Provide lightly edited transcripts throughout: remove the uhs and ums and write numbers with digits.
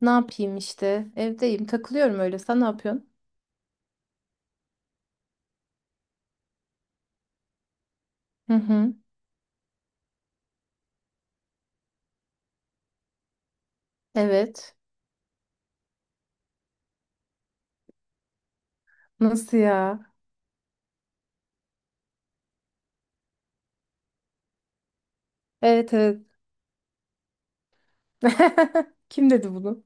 Ne yapayım işte? Evdeyim, takılıyorum öyle. Sen ne yapıyorsun? Hı hı. Evet. Nasıl ya? Evet evet. Kim dedi bunu?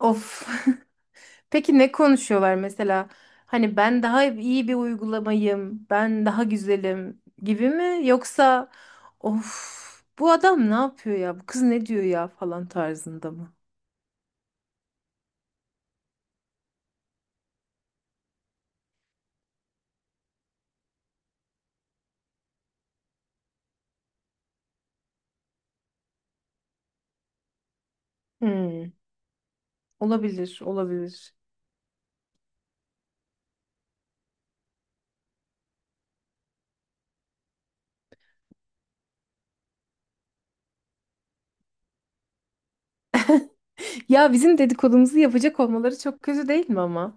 Of. Peki ne konuşuyorlar mesela? Hani ben daha iyi bir uygulamayım, ben daha güzelim gibi mi? Yoksa of bu adam ne yapıyor ya? Bu kız ne diyor ya falan tarzında mı? Hmm, olabilir, olabilir. Ya bizim dedikodumuzu yapacak olmaları çok kötü değil mi ama?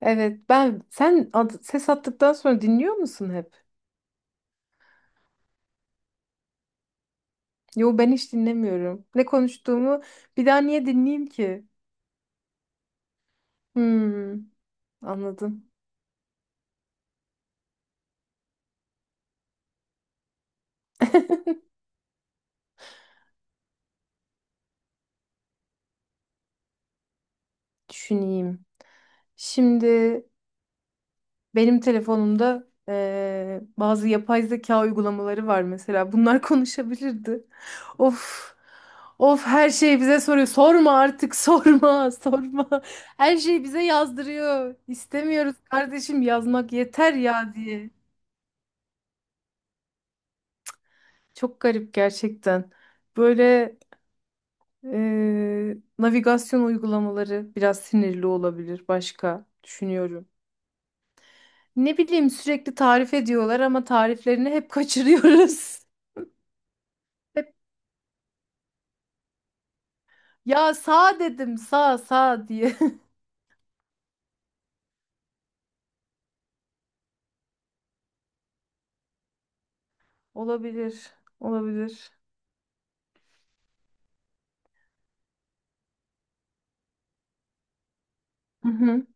Evet ben sen ses attıktan sonra dinliyor musun hep? Yo ben hiç dinlemiyorum. Ne konuştuğumu bir daha niye dinleyeyim ki? Hmm, anladım. Düşüneyim. Şimdi benim telefonumda bazı yapay zeka uygulamaları var mesela. Bunlar konuşabilirdi. Of. Of her şeyi bize soruyor. Sorma artık sorma sorma. Her şeyi bize yazdırıyor. İstemiyoruz kardeşim yazmak yeter ya diye. Çok garip gerçekten. Böyle navigasyon uygulamaları biraz sinirli olabilir başka düşünüyorum. Ne bileyim sürekli tarif ediyorlar ama tariflerini hep kaçırıyoruz. Hep ya sağ dedim sağ sağ diye. Olabilir. Olabilir. Hı hı.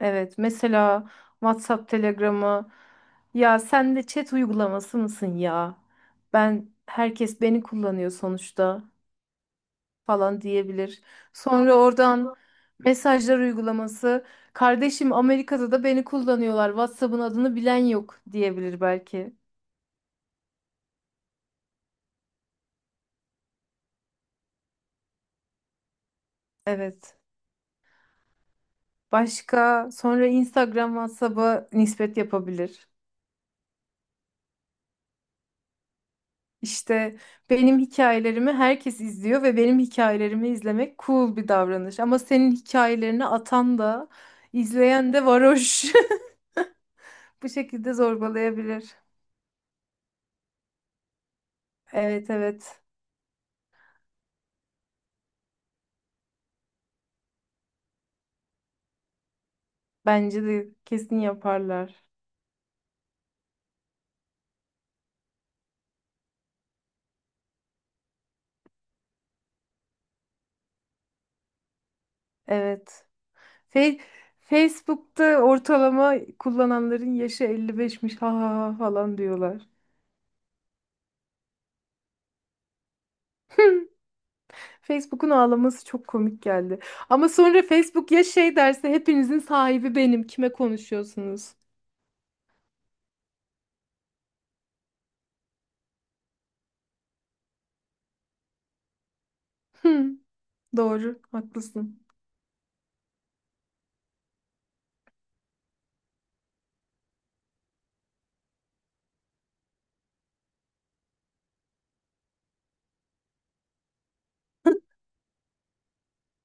Evet mesela WhatsApp, Telegram'a ya sen de chat uygulaması mısın ya? Ben herkes beni kullanıyor sonuçta, falan diyebilir. Sonra oradan mesajlar uygulaması kardeşim Amerika'da da beni kullanıyorlar. WhatsApp'ın adını bilen yok diyebilir belki. Evet. Başka sonra Instagram WhatsApp'a nispet yapabilir. İşte benim hikayelerimi herkes izliyor ve benim hikayelerimi izlemek cool bir davranış. Ama senin hikayelerini atan da izleyen de varoş. Bu şekilde zorbalayabilir. Evet evet. Bence de kesin yaparlar. Evet. Fe- Facebook'ta ortalama kullananların yaşı 55'miş, ha ha ha falan diyorlar. Facebook'un ağlaması çok komik geldi. Ama sonra Facebook ya şey derse hepinizin sahibi benim. Kime konuşuyorsunuz? Hmm, doğru, haklısın.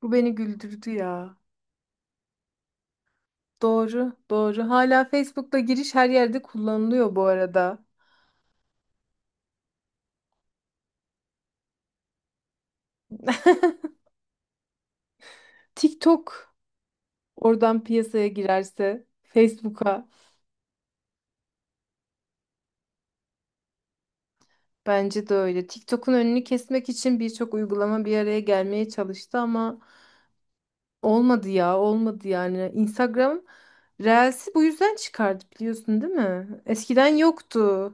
Bu beni güldürdü ya. Doğru, doğru. Hala Facebook'ta giriş her yerde kullanılıyor bu arada. TikTok oradan piyasaya girerse Facebook'a. Bence de öyle. TikTok'un önünü kesmek için birçok uygulama bir araya gelmeye çalıştı ama olmadı ya, olmadı yani. Instagram Reels'i bu yüzden çıkardı biliyorsun değil mi? Eskiden yoktu.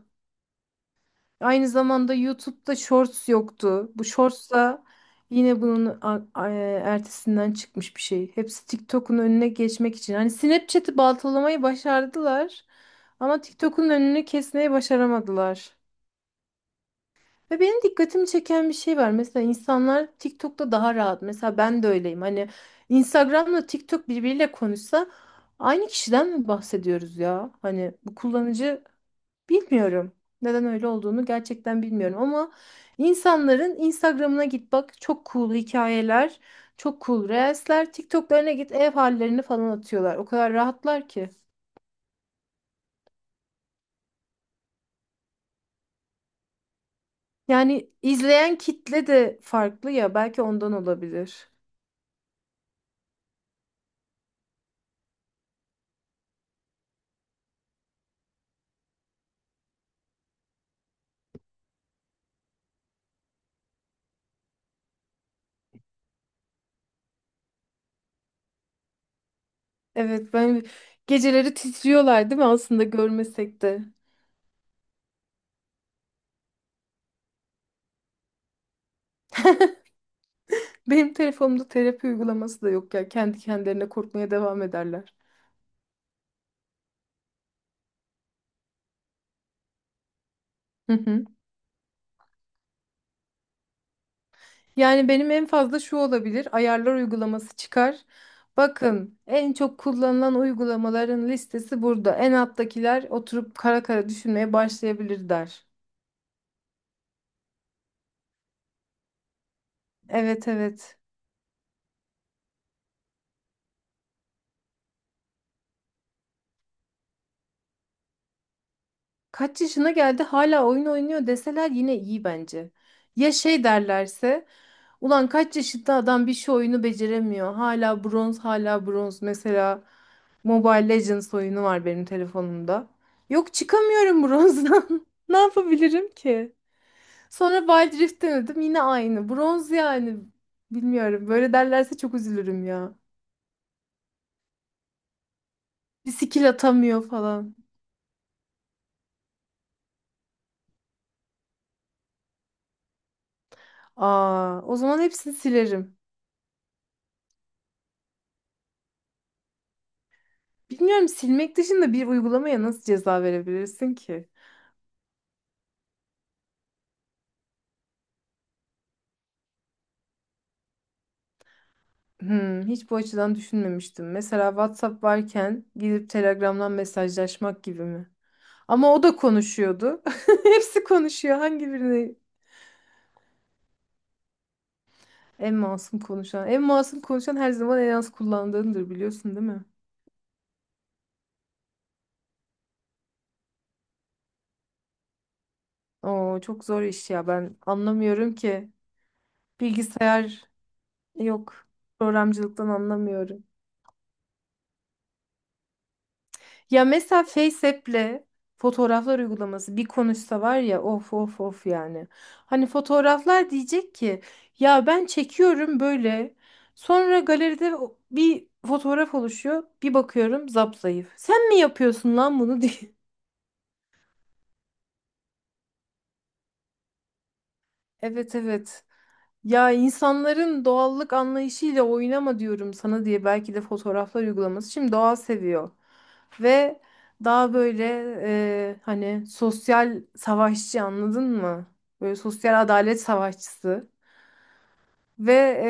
Aynı zamanda YouTube'da Shorts yoktu. Bu Shorts da yine bunun ertesinden çıkmış bir şey. Hepsi TikTok'un önüne geçmek için. Hani Snapchat'i baltalamayı başardılar ama TikTok'un önünü kesmeyi başaramadılar. Ve benim dikkatimi çeken bir şey var. Mesela insanlar TikTok'ta daha rahat. Mesela ben de öyleyim. Hani Instagram'la TikTok birbiriyle konuşsa aynı kişiden mi bahsediyoruz ya? Hani bu kullanıcı, bilmiyorum. Neden öyle olduğunu gerçekten bilmiyorum ama insanların Instagram'ına git bak, çok cool hikayeler, çok cool reelsler, TikTok'larına git ev hallerini falan atıyorlar. O kadar rahatlar ki. Yani izleyen kitle de farklı ya, belki ondan olabilir. Evet ben, geceleri titriyorlar değil mi aslında görmesek de. Benim telefonumda terapi uygulaması da yok ya. Kendi kendilerine korkmaya devam ederler. Hı hı. Yani benim en fazla şu olabilir. Ayarlar uygulaması çıkar. Bakın en çok kullanılan uygulamaların listesi burada. En alttakiler oturup kara kara düşünmeye başlayabilir der. Evet evet. Kaç yaşına geldi hala oyun oynuyor deseler yine iyi bence. Ya şey derlerse ulan kaç yaşında adam bir şey oyunu beceremiyor. Hala bronz, hala bronz mesela. Mobile Legends oyunu var benim telefonumda. Yok, çıkamıyorum bronzdan. Ne yapabilirim ki? Sonra Wild Rift denedim, yine aynı. Bronz yani. Bilmiyorum. Böyle derlerse çok üzülürüm ya. Bir skill atamıyor falan. Aa, o zaman hepsini silerim. Bilmiyorum silmek dışında bir uygulamaya nasıl ceza verebilirsin ki? Hmm, hiç bu açıdan düşünmemiştim. Mesela WhatsApp varken gidip Telegram'dan mesajlaşmak gibi mi? Ama o da konuşuyordu. Hepsi konuşuyor. Hangi birini? En masum konuşan. En masum konuşan her zaman en az kullandığındır biliyorsun değil mi? Oo, çok zor iş ya. Ben anlamıyorum ki. Bilgisayar yok. Programcılıktan anlamıyorum. Ya mesela FaceApp'le fotoğraflar uygulaması bir konuşsa var ya, of of of yani. Hani fotoğraflar diyecek ki, ya ben çekiyorum böyle. Sonra galeride bir fotoğraf oluşuyor. Bir bakıyorum zapzayıf. Sen mi yapıyorsun lan bunu diye. Evet evet. Ya insanların doğallık anlayışıyla oynama diyorum sana diye belki de fotoğraflar uygulaması. Şimdi doğa seviyor ve daha böyle hani sosyal savaşçı, anladın mı? Böyle sosyal adalet savaşçısı ve e,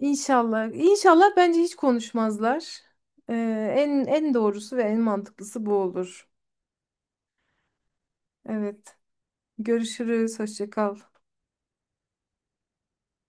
inşallah inşallah bence hiç konuşmazlar. E, en doğrusu ve en mantıklısı bu olur. Evet. Görüşürüz. Hoşça kal.